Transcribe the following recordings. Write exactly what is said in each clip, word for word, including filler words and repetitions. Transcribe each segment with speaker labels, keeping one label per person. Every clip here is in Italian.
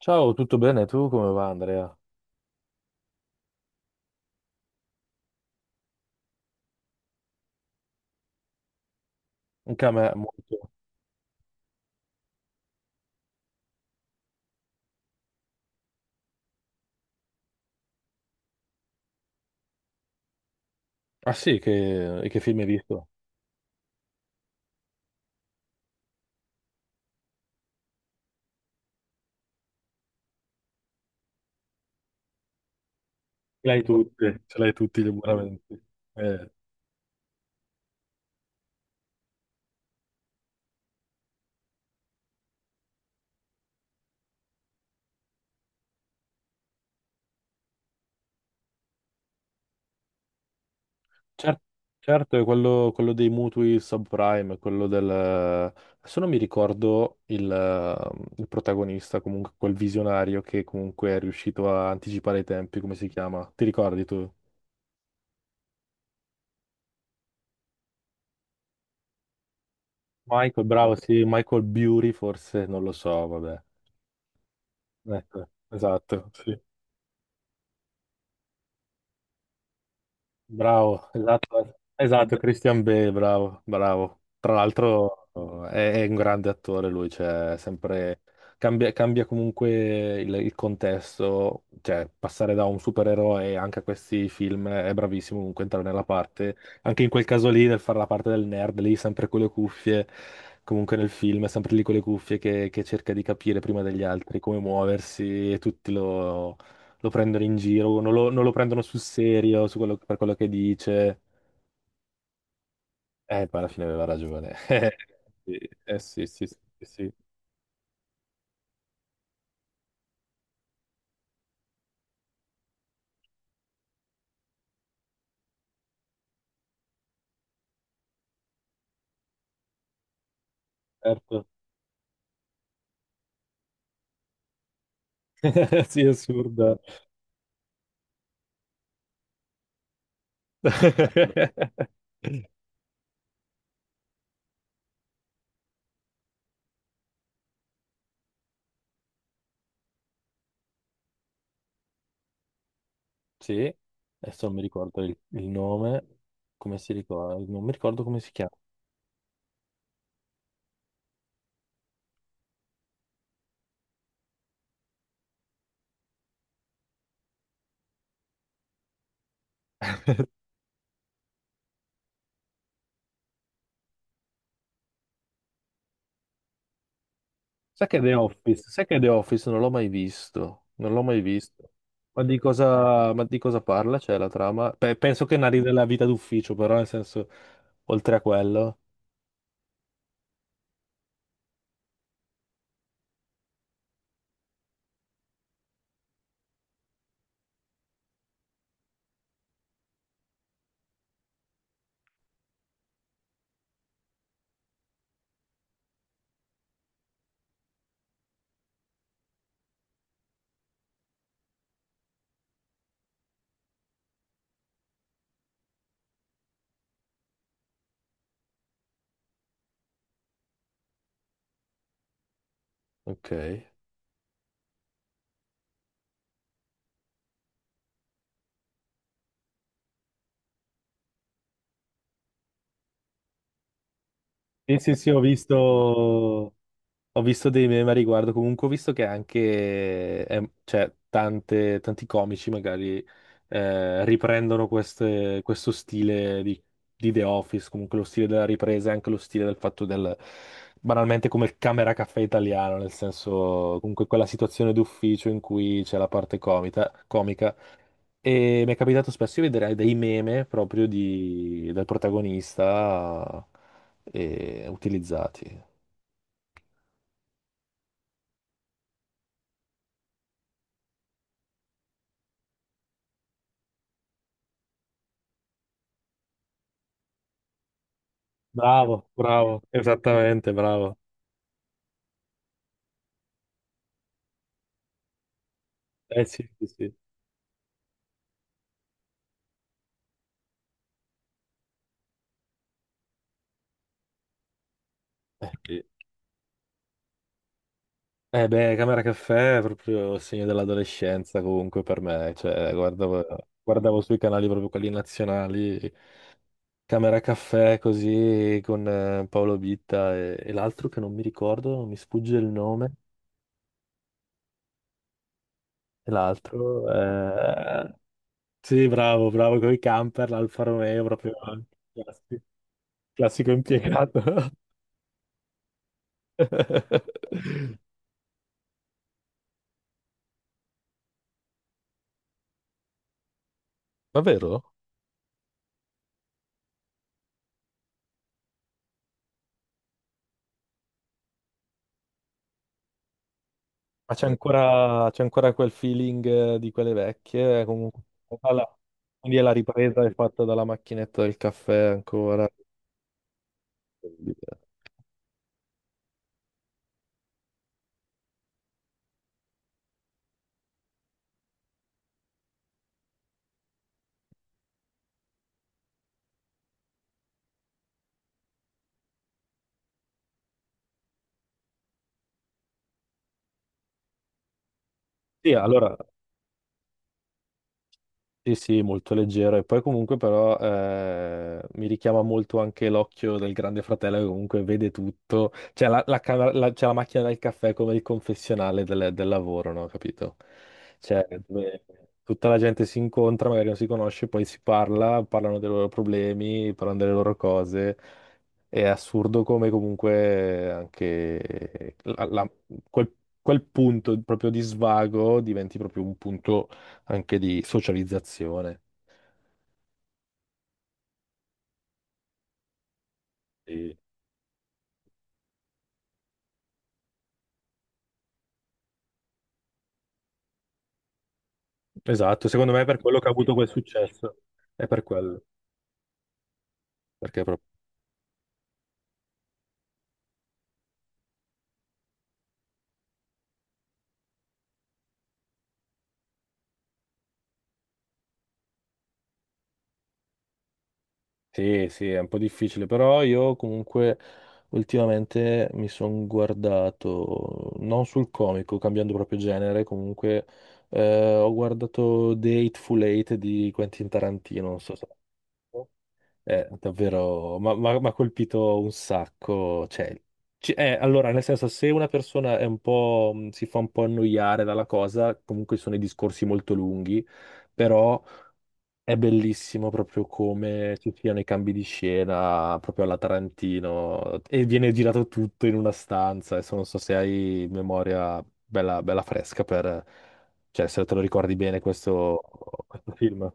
Speaker 1: Ciao, tutto bene? Tu come va, Andrea? Anche a me molto. Ah sì, che, e che film hai visto? Ce L'hai tutti, ce l'hai tutti gli abbonamenti. Eh, cer- certo, è quello, quello dei mutui subprime, quello del... adesso non mi ricordo il, eh, il protagonista, comunque quel visionario che comunque è riuscito a anticipare i tempi, come si chiama? Ti ricordi tu? Michael, bravo, sì, Michael Bury forse, non lo so, vabbè. Ecco, esatto, sì. Bravo, esatto, esatto, Christian Bale, bravo, bravo. Tra l'altro è, è un grande attore lui, cioè sempre cambia, cambia comunque il, il contesto, cioè passare da un supereroe anche a questi film è bravissimo comunque entrare nella parte, anche in quel caso lì nel fare la parte del nerd, lì sempre con le cuffie, comunque nel film è sempre lì con le cuffie che, che cerca di capire prima degli altri come muoversi e tutti lo lo prendono in giro, non lo, non lo prendono sul serio su quello- per quello che dice. Eh, poi alla fine aveva ragione. Eh sì, eh sì, sì, sì, sì, certo. Sì, è assurda. Sì, adesso non mi ricordo il, il nome, come si ricorda, non mi ricordo come si chiama. Sai che The Office, sai che The Office non l'ho mai visto, non l'ho mai visto. Ma di cosa, ma di cosa parla? Cioè, la trama? Pe- penso che narri della vita d'ufficio, però nel senso, oltre a quello. Ok. Sì, sì, sì, ho visto, ho visto dei meme a riguardo, comunque ho visto che anche, eh, cioè, tante- tanti comici magari eh, riprendono queste- questo stile di, di The Office, comunque lo stile della ripresa e anche lo stile del fatto del, banalmente come il camera caffè italiano, nel senso, comunque quella situazione d'ufficio in cui c'è la parte comica, comica e mi è capitato spesso di vedere dei meme proprio di- del protagonista eh, utilizzati. Bravo, bravo, esattamente, bravo. Eh sì, sì, sì. Eh, sì. Eh, beh, Camera Caffè è proprio il segno dell'adolescenza comunque per me, cioè guardavo, guardavo sui canali proprio quelli nazionali, Camera Caffè così con eh, Paolo Bitta e, e l'altro che non mi ricordo, non mi sfugge il nome, e l'altro... eh, sì, bravo, bravo con i camper, l'Alfa Romeo, proprio classico, classico impiegato. Davvero? Ma c'è ancora, c'è ancora quel feeling eh, di quelle vecchie, eh, comunque. alla- Quindi è la ripresa è fatta dalla macchinetta del caffè ancora. Quindi, eh. Sì, allora. Sì, sì, molto leggero e poi comunque però eh, mi richiama molto anche l'occhio del grande fratello che comunque vede tutto, c'è la, la camera- la- c'è la macchina del caffè come il confessionale del, del lavoro, no? Capito? Cioè, dove tutta la gente si incontra, magari non si conosce, poi si parla, parlano dei loro problemi, parlano delle loro cose. È assurdo come comunque anche la- la- quel, quel punto proprio di svago diventi proprio un punto anche di socializzazione. Sì. Esatto, secondo me è per quello che ha avuto quel successo. È per quello. Perché proprio... Sì, sì, è un po' difficile, però io comunque ultimamente mi sono guardato, non sul comico, cambiando proprio genere, comunque eh, ho guardato The Hateful Eight di Quentin Tarantino, non so se... Eh, davvero, ma ma- mi ha colpito un sacco. Cioè, ci- eh, allora, nel senso, se una persona è un po', mh, si fa un po' annoiare dalla cosa, comunque sono i discorsi molto lunghi, però è bellissimo proprio come ci siano i cambi di scena, proprio alla Tarantino, e viene girato tutto in una stanza. Adesso non so se hai memoria bella, bella fresca per... Cioè, se te lo ricordi bene questo, questo film.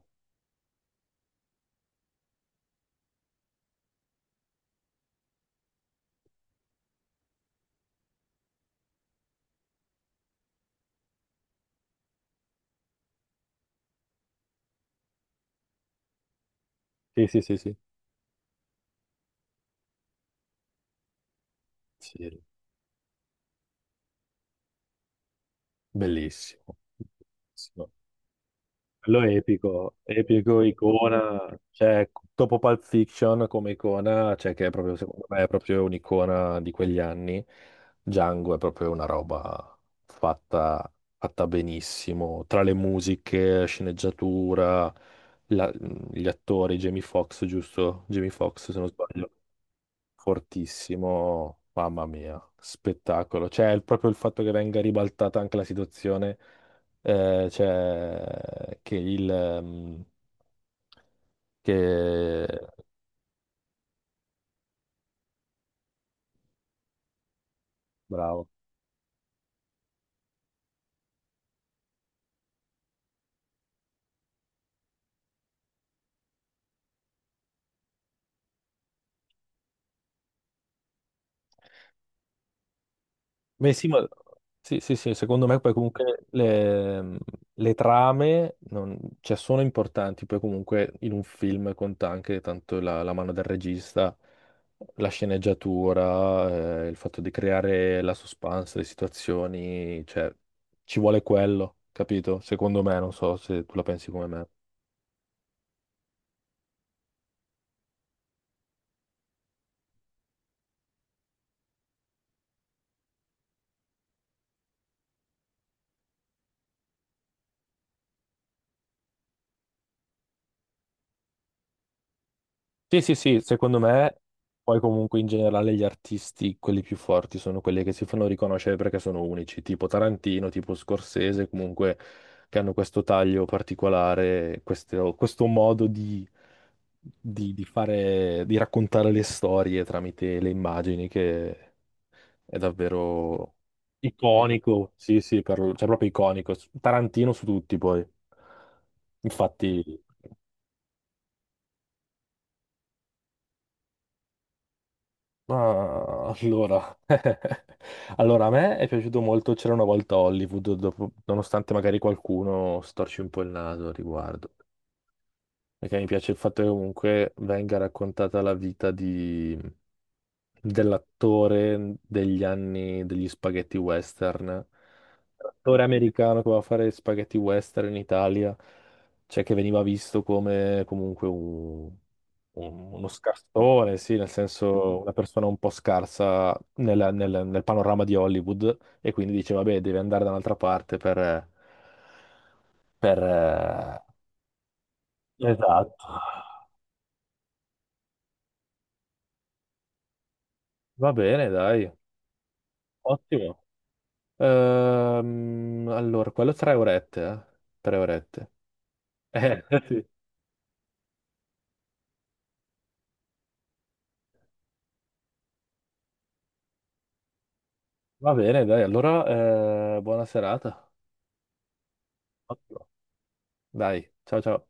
Speaker 1: Sì, sì, sì, sì. Sì. Bellissimo. Bellissimo. Quello è epico, epico, icona, cioè dopo Pulp Fiction come icona, cioè che è proprio, secondo me, è proprio un'icona di quegli anni. Django è proprio una roba fatta, fatta benissimo, tra le musiche, sceneggiatura, la- gli attori, Jamie Foxx, giusto? Jamie Foxx, se non sbaglio fortissimo, mamma mia, spettacolo. Cioè, il- proprio il fatto che venga ribaltata anche la situazione, eh, cioè, che il... ehm, che... Bravo. Beh, sì, ma- sì, sì, sì, secondo me poi comunque le, le trame non- cioè, sono importanti, poi comunque in un film conta anche tanto la, la mano del regista, la sceneggiatura, eh, il fatto di creare la suspense, le situazioni, cioè ci vuole quello, capito? Secondo me, non so se tu la pensi come me. Sì, sì, sì, secondo me poi comunque in generale gli artisti, quelli più forti, sono quelli che si fanno riconoscere perché sono unici, tipo Tarantino, tipo Scorsese, comunque che hanno questo taglio particolare, questo, questo modo di, di- di fare, di raccontare le storie tramite le immagini che è davvero iconico, sì, sì, per- cioè proprio iconico, Tarantino su tutti poi, infatti... Ah, allora. Allora, a me è piaciuto molto C'era una volta Hollywood, dopo- nonostante magari qualcuno storci un po' il naso al riguardo. Perché mi piace il fatto che comunque venga raccontata la vita dell'attore degli anni degli spaghetti western. L'attore americano che va a fare spaghetti western in Italia, cioè che veniva visto come comunque un- un- uno scarsone, sì, nel senso una persona un po' scarsa nel, nel- nel panorama di Hollywood e quindi dice, vabbè, deve andare da un'altra parte per... per eh, esatto. Va bene, dai. Ottimo. Ehm, allora, quello tre orette, eh? Tre orette. Eh, sì. Va bene, dai, allora, eh, buona serata. Ottimo. Dai, ciao ciao.